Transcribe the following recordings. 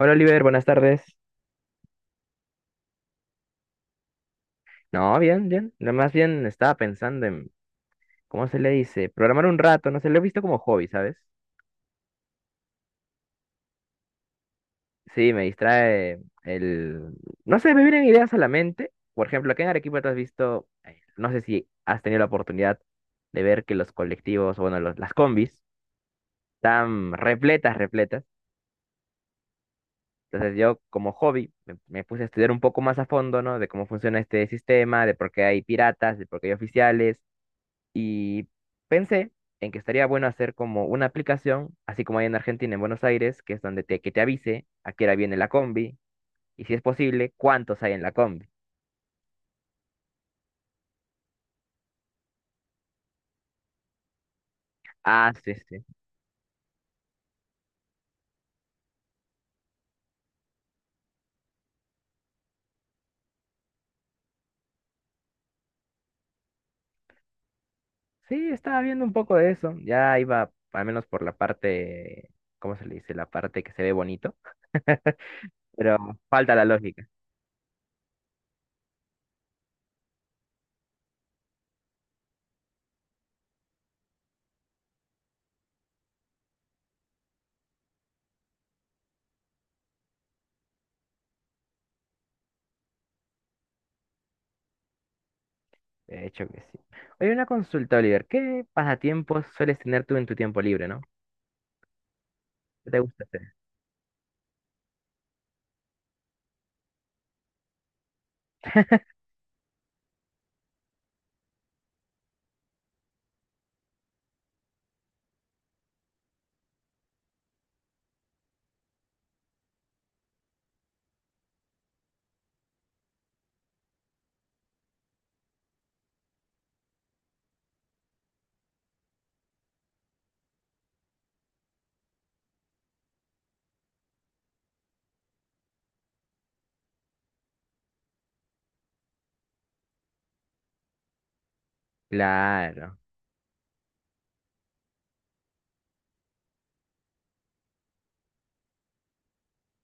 Hola Oliver, buenas tardes. No, bien, bien. Nada más bien estaba pensando en, ¿cómo se le dice? Programar un rato, no sé, lo he visto como hobby, ¿sabes? Sí, me distrae el, no sé, me vienen ideas a la mente. Por ejemplo, aquí en Arequipa te has visto, no sé si has tenido la oportunidad de ver que los colectivos, bueno, las combis, están repletas, repletas. Entonces yo como hobby me puse a estudiar un poco más a fondo, ¿no? De cómo funciona este sistema, de por qué hay piratas, de por qué hay oficiales. Y pensé en que estaría bueno hacer como una aplicación, así como hay en Argentina, en Buenos Aires, que es donde que te avise a qué hora viene la combi y si es posible, cuántos hay en la combi. Ah, sí, sí. Sí, estaba viendo un poco de eso. Ya iba al menos por la parte, ¿cómo se le dice? La parte que se ve bonito, pero falta la lógica. De hecho que sí. Oye, una consulta, Oliver. ¿Qué pasatiempos sueles tener tú en tu tiempo libre, no? ¿Qué te gusta hacer? Claro.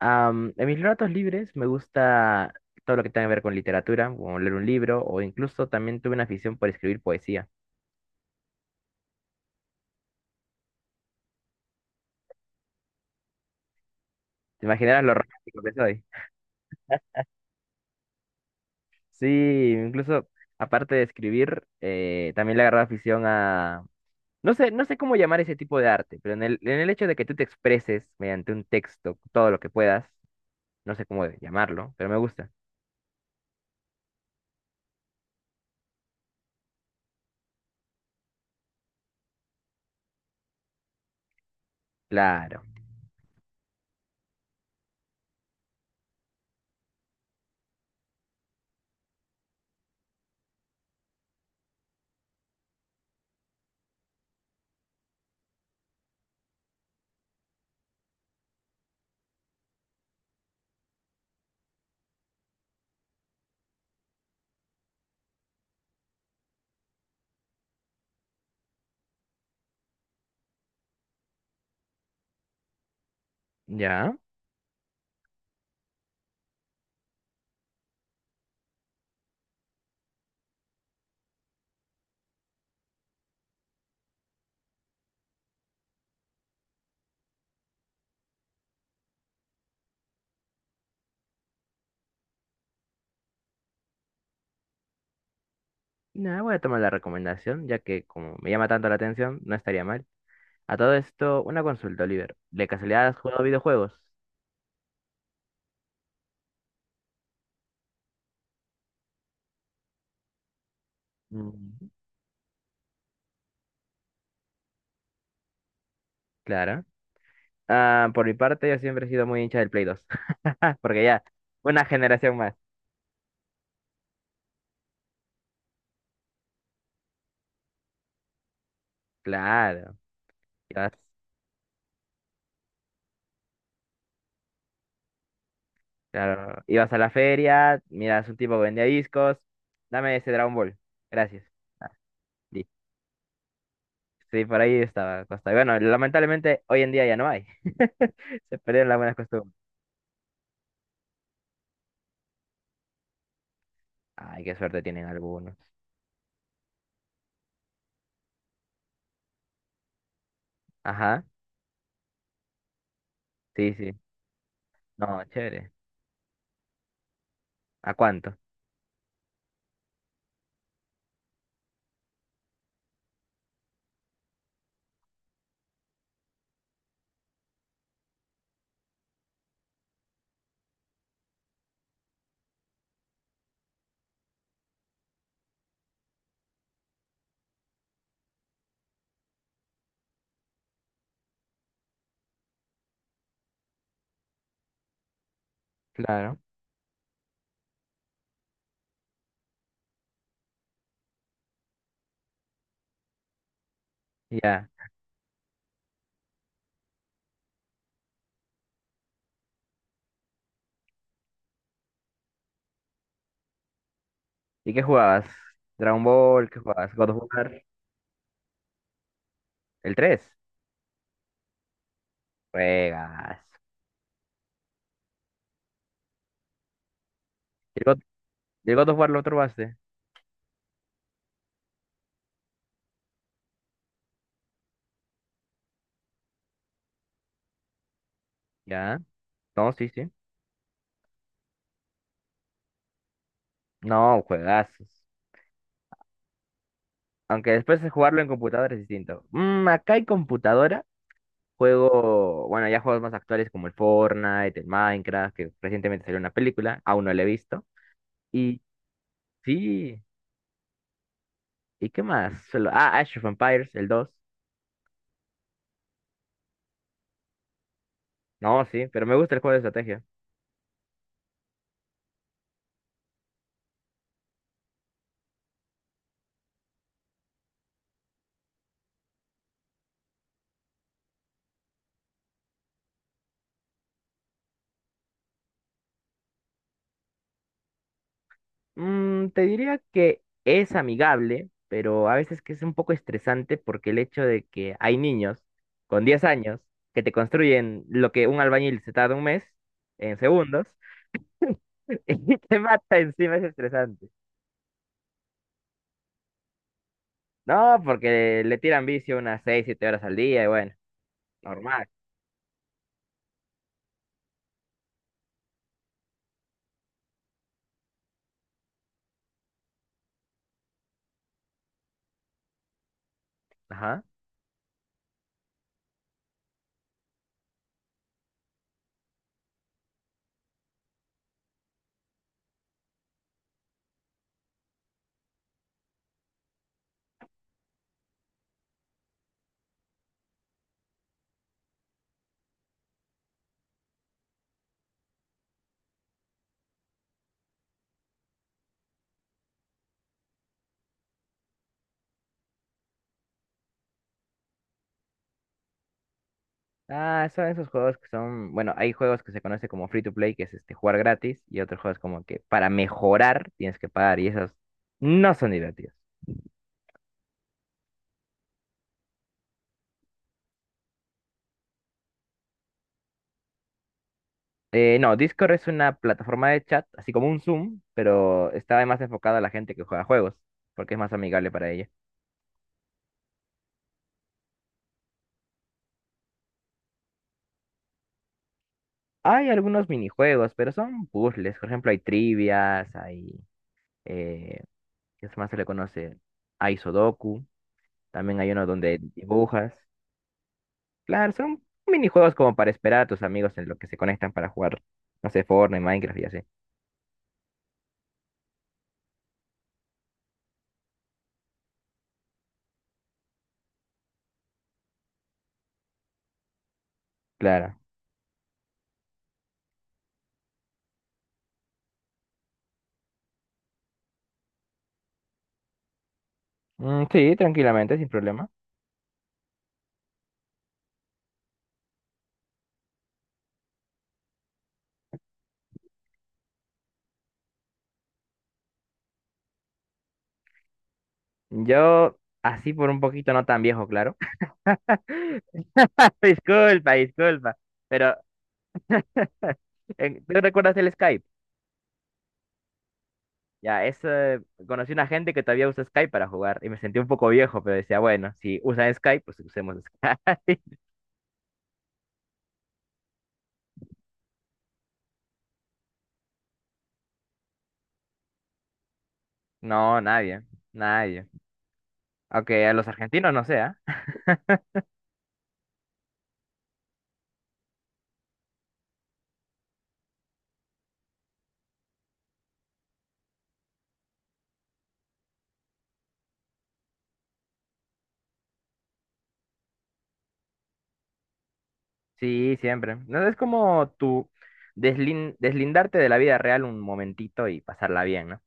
En mis ratos libres me gusta todo lo que tenga que ver con literatura, como leer un libro, o incluso también tuve una afición por escribir poesía. ¿Te imaginarás lo romántico que soy? Sí, incluso aparte de escribir, también le agarré afición a... No sé, no sé cómo llamar ese tipo de arte, pero en en el hecho de que tú te expreses mediante un texto todo lo que puedas, no sé cómo llamarlo, pero me gusta. Claro. Ya. Ya, voy a tomar la recomendación, ya que como me llama tanto la atención, no estaría mal. A todo esto, una consulta, Oliver. ¿De casualidad has jugado videojuegos? Mm, claro. Ah, por mi parte, yo siempre he sido muy hincha del Play dos. Porque ya, una generación más. Claro. Ibas, claro. Ibas a la feria, miras un tipo que vendía discos. Dame ese Dragon Ball. Gracias. Ah, sí, sí, por ahí estaba Costa. Y bueno, lamentablemente hoy en día ya no hay. Se perdieron las buenas costumbres. Ay, qué suerte tienen algunos. Ajá. Sí, sí. No, chévere. ¿A cuánto? Claro. Ya. ¿Y qué jugabas? Dragon Ball, ¿qué jugabas? ¿God of War? ¿El 3? Juegas. ¿El God, el God of War lo probaste? ¿Ya? No, sí, sí. No, juegazos. Aunque después de jugarlo en computadora es distinto. Mm, acá hay computadora. Juego, bueno, ya juegos más actuales como el Fortnite, el Minecraft, que recientemente salió una película, aún no la he visto. Y sí, ¿y qué más? Solo, ah, Age of Empires, el 2. No, sí, pero me gusta el juego de estrategia. Mm, te diría que es amigable, pero a veces que es un poco estresante porque el hecho de que hay niños con 10 años que te construyen lo que un albañil se tarda un mes en segundos y te mata encima es estresante. No, porque le tiran vicio unas 6 7 horas al día y bueno, normal. Ajá. Ah, son esos juegos que son, bueno, hay juegos que se conoce como free to play, que es este jugar gratis, y otros juegos como que para mejorar tienes que pagar y esos no son divertidos. No, Discord es una plataforma de chat, así como un Zoom, pero está más enfocada a la gente que juega juegos, porque es más amigable para ella. Hay algunos minijuegos, pero son puzzles. Por ejemplo, hay trivias, hay... Eh, ¿qué más se le conoce? Hay Sudoku, también hay uno donde dibujas. Claro, son minijuegos como para esperar a tus amigos en lo que se conectan para jugar, no sé, Fortnite, Minecraft y así. Claro. Mm, sí, tranquilamente, sin problema. Yo, así por un poquito, no tan viejo, claro. Disculpa, disculpa. Pero, ¿tú recuerdas el Skype? Ya, es, conocí una gente que todavía usa Skype para jugar y me sentí un poco viejo, pero decía, bueno, si usan Skype, pues usemos Skype. No, nadie, nadie. Aunque a los argentinos no sea. Sí, siempre. No es como tu deslindarte de la vida real un momentito y pasarla bien, ¿no?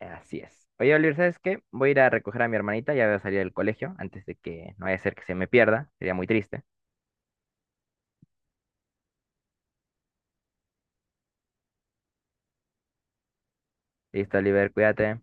Así es. Oye, Oliver, ¿sabes qué? Voy a ir a recoger a mi hermanita, ya voy a salir del colegio antes de que no vaya a ser que se me pierda. Sería muy triste. Listo, Oliver, cuídate.